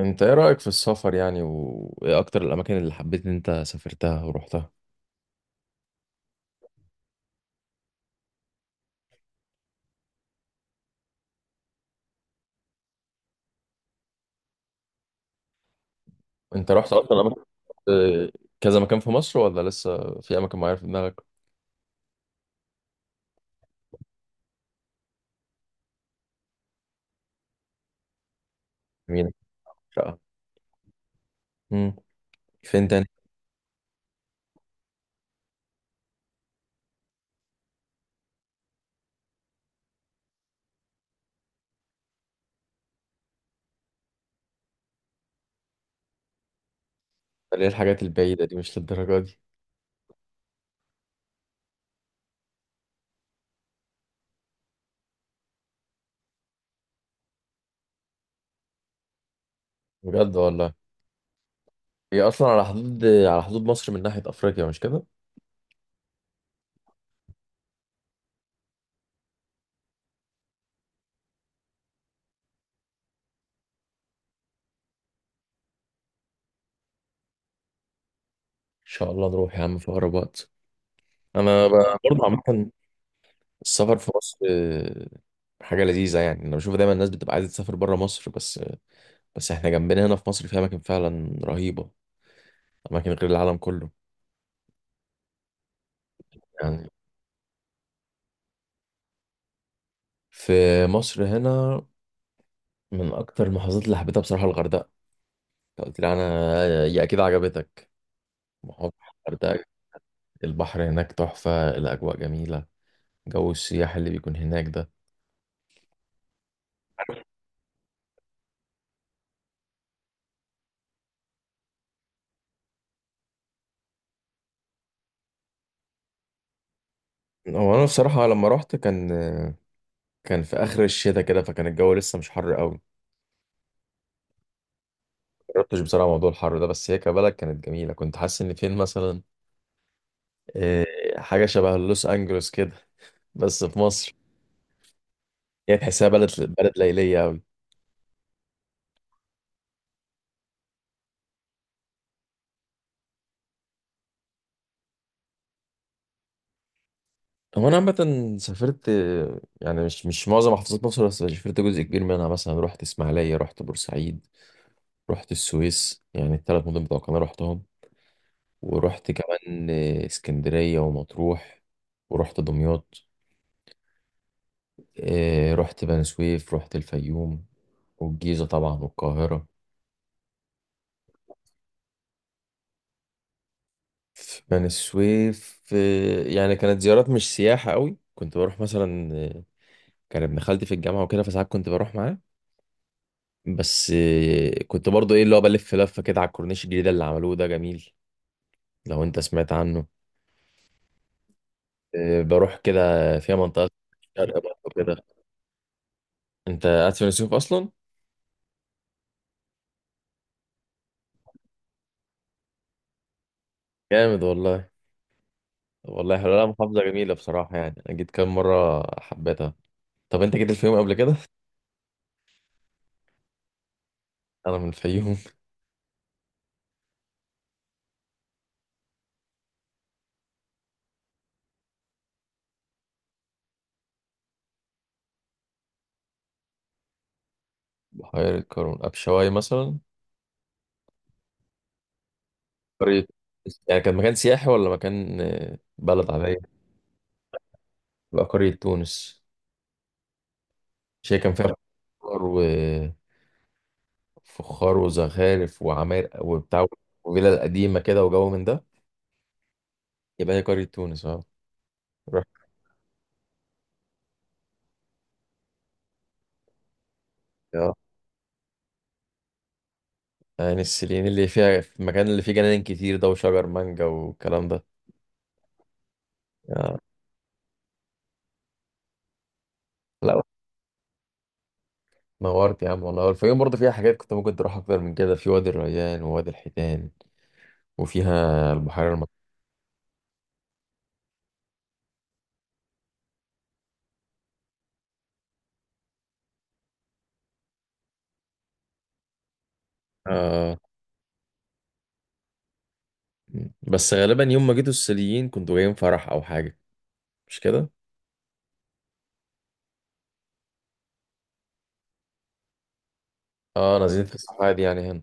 انت ايه رأيك في السفر يعني، وايه اكتر الاماكن اللي حبيت ان انت سافرتها ورحتها؟ انت رحت اصلا اماكن؟ اه. كذا مكان في مصر ولا لسه في اماكن معينة في دماغك؟ مين؟ شقة؟ امم. فين تاني؟ ليه الحاجات البعيدة دي مش للدرجة دي؟ بجد والله. هي اصلا على حدود مصر من ناحية افريقيا، مش كده؟ ان شاء الله نروح يا عم في اقرب وقت. انا برضه عامة، السفر في مصر حاجة لذيذة يعني. أنا بشوف دايما الناس بتبقى عايزة تسافر برا مصر بس. بس إحنا جنبنا هنا في مصر في أماكن فعلا رهيبة، أماكن غير العالم كله. يعني في مصر هنا، من أكتر المحافظات اللي حبيتها بصراحة الغردقة. أنت قلت لي أنا، هي أكيد عجبتك، محافظة الغردقة. البحر هناك تحفة، الأجواء جميلة، جو السياح اللي بيكون هناك ده. هو أنا بصراحة لما رحت، كان في آخر الشتاء كده، فكان الجو لسه مش حر قوي. مجربتش بصراحة موضوع الحر ده، بس هي كبلد كانت جميلة، كنت حاسس إن فين مثلا، آه، حاجة شبه لوس أنجلوس كده بس في مصر. هي تحسها بلد، ليلية أوي. هو انا عامه سافرت، يعني مش معظم محافظات مصر، بس سافرت جزء كبير منها. مثلا رحت اسماعيليه، رحت بورسعيد، رحت السويس، يعني الثلاث مدن بتوع القناه رحتهم. ورحت كمان اسكندريه ومطروح، ورحت دمياط. رحت بني سويف، رحت الفيوم، والجيزه طبعا والقاهره. في بني سويف، يعني كانت زيارات مش سياحه قوي. كنت بروح مثلا، كان ابن خالتي في الجامعه وكده، فساعات كنت بروح معاه. بس، كنت برضو ايه اللي هو بلف لفه كده على الكورنيش الجديد اللي عملوه ده، جميل لو انت سمعت عنه. بروح كده، فيها منطقه شرق برضو كده. انت قاعد في السيوف اصلا؟ جامد والله. طب والله حلوه، لا محافظه جميله بصراحه، يعني انا جيت كام مره حبيتها. طب انت جيت الفيوم قبل كده؟ انا من الفيوم. بحيره قارون، ابشواي مثلا. قريه؟ يعني كان مكان سياحي ولا مكان، بلد عاديه؟ بقى قريه تونس؟ مش هي كان فيها خضار، فخار وزخارف وعماير وبتاع، وفيلا القديمة كده وجو من ده؟ يبقى هي قرية تونس اه. رحت اه يعني السليين، اللي فيها في المكان اللي فيه جنان كتير ده وشجر مانجا والكلام ده. آه. لا، نورت يا عم والله. الفيوم برضه فيها حاجات كنت ممكن تروح أكتر من كده، في وادي الريان ووادي الحيتان، وفيها البحيرة المتوسطة. آه. بس غالبا يوم ما جيتوا السليين كنتوا جايين فرح أو حاجة، مش كده؟ اه، نازلين في الصحراء دي يعني هنا.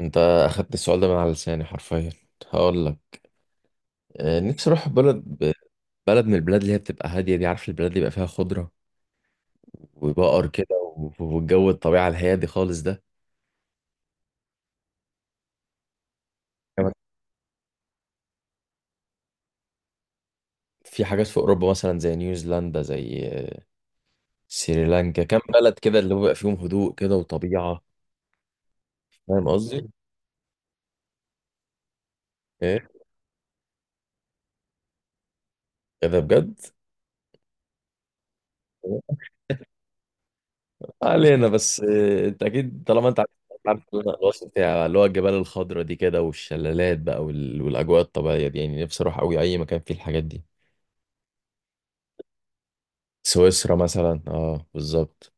انت أخدت السؤال ده من على لساني حرفيا. هقول لك، نفسي اروح بلد، من البلاد اللي هي بتبقى هاديه دي، عارف، البلاد اللي بيبقى فيها خضره وبقر كده، والجو الطبيعه الهادي خالص ده. كمان في حاجات في اوروبا مثلا، زي نيوزيلندا، زي سريلانكا، كام بلد كده اللي هو بيبقى فيهم هدوء كده وطبيعه. فاهم قصدي؟ ايه كده بجد؟ علينا بس، انت اكيد طالما انت عارف، الوصف بتاع اللي هو الجبال الخضراء دي كده، والشلالات بقى والاجواء الطبيعيه دي، يعني نفسي اروح قوي اي مكان فيه الحاجات دي. سويسرا مثلا، اه بالظبط.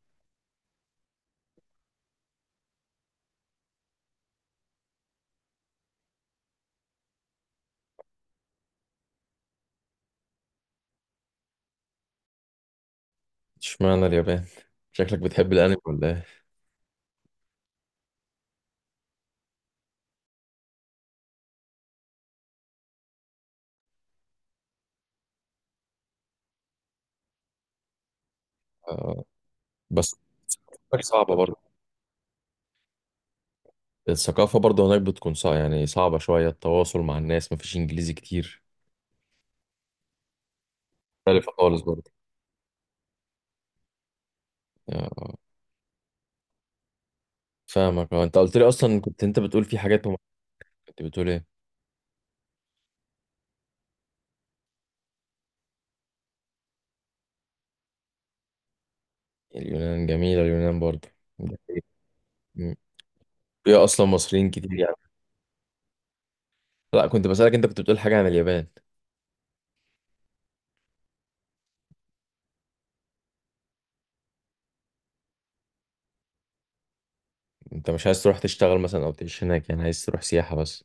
اشمعنى اليابان؟ شكلك بتحب الانمي ولا ايه؟ آه. بس هناك صعبة برضه. الثقافة برضه هناك بتكون صعبة، يعني صعبة شوية التواصل مع الناس، مفيش انجليزي كتير، مختلفة خالص برضه. آه. فاهمك. انت قلت لي اصلا، كنت انت بتقول في حاجات. كنت بتقول ايه؟ اليونان جميلة، اليونان برضه. مم. فيها اصلا مصريين كتير يعني. لا، كنت بسألك، انت كنت بتقول حاجة عن اليابان. انت مش عايز تروح تشتغل مثلا او تعيش هناك؟ يعني عايز تروح سياحة بس؟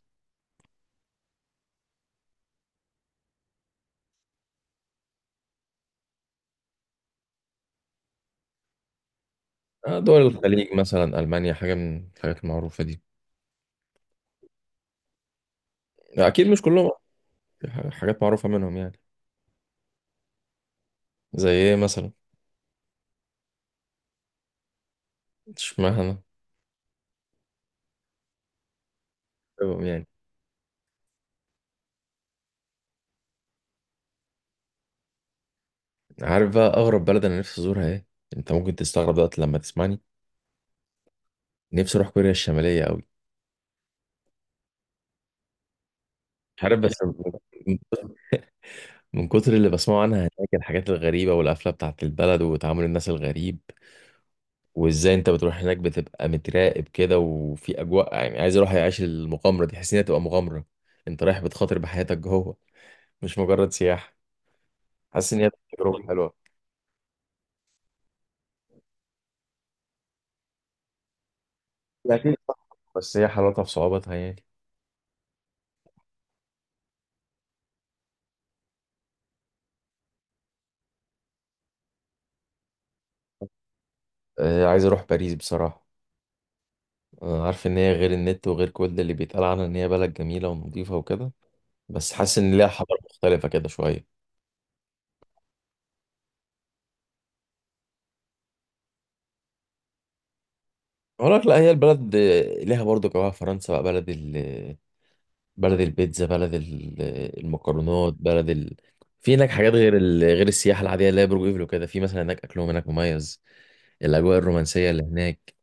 دول الخليج مثلا، ألمانيا، حاجة من الحاجات المعروفة دي. أكيد مش كلهم. دي حاجات معروفة منهم يعني. زي ايه مثلا؟ اشمعنى؟ طيب، يعني. عارف بقى اغرب بلد انا نفسي ازورها ايه؟ انت ممكن تستغرب دلوقتي لما تسمعني. نفسي اروح كوريا الشمالية قوي. مش عارف بس من كتر اللي بسمعه عنها هناك، الحاجات الغريبة والقفلة بتاعت البلد وتعامل الناس الغريب، وازاي انت بتروح هناك بتبقى متراقب كده وفي اجواء، يعني عايز اروح اعيش المغامرة دي. حاسس ان هي تبقى مغامرة، انت رايح بتخاطر بحياتك جوه، مش مجرد سياحة. حاسس ان هي تجربة حلوة. لا، أكيد صح، بس هي حلاوتها في صعوبتها يعني. عايز اروح باريس بصراحة. عارف ان هي غير النت وغير كل اللي بيتقال عنها، ان هي بلد جميلة ونظيفة وكده، بس حاسس ان ليها حضارة مختلفة كده شوية. اقول لك لا، هي البلد ليها برضو جواها. فرنسا بقى بلد البيتزا، بلد المكرونات. في هناك حاجات غير السياحة العادية اللي هي برج ايفل وكده. في مثلا هناك، اكلهم هناك مميز، الاجواء الرومانسية اللي هناك،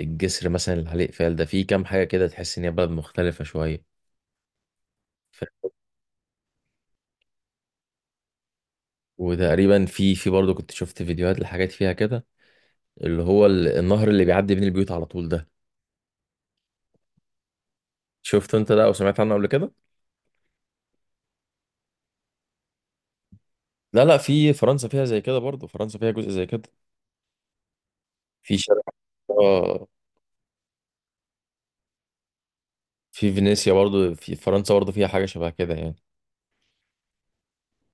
الجسر مثلا اللي عليه اقفال ده، في كام حاجة كده تحس ان هي بلد مختلفة شوية. ف... وتقريبا في برضه كنت شفت فيديوهات لحاجات فيها كده، اللي هو النهر اللي بيعدي بين البيوت على طول ده. شفت انت ده او سمعت عنه قبل كده؟ لا لا، في فرنسا فيها زي كده برضه، فرنسا فيها جزء زي كده، في شارع. آه. في فينيسيا برضه، في فرنسا برضه فيها حاجة شبه كده يعني.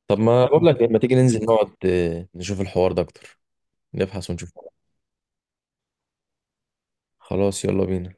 طب ما بقول لك، لما تيجي ننزل نقعد نشوف الحوار ده اكتر، نبحث ونشوف. خلاص يلا بينا.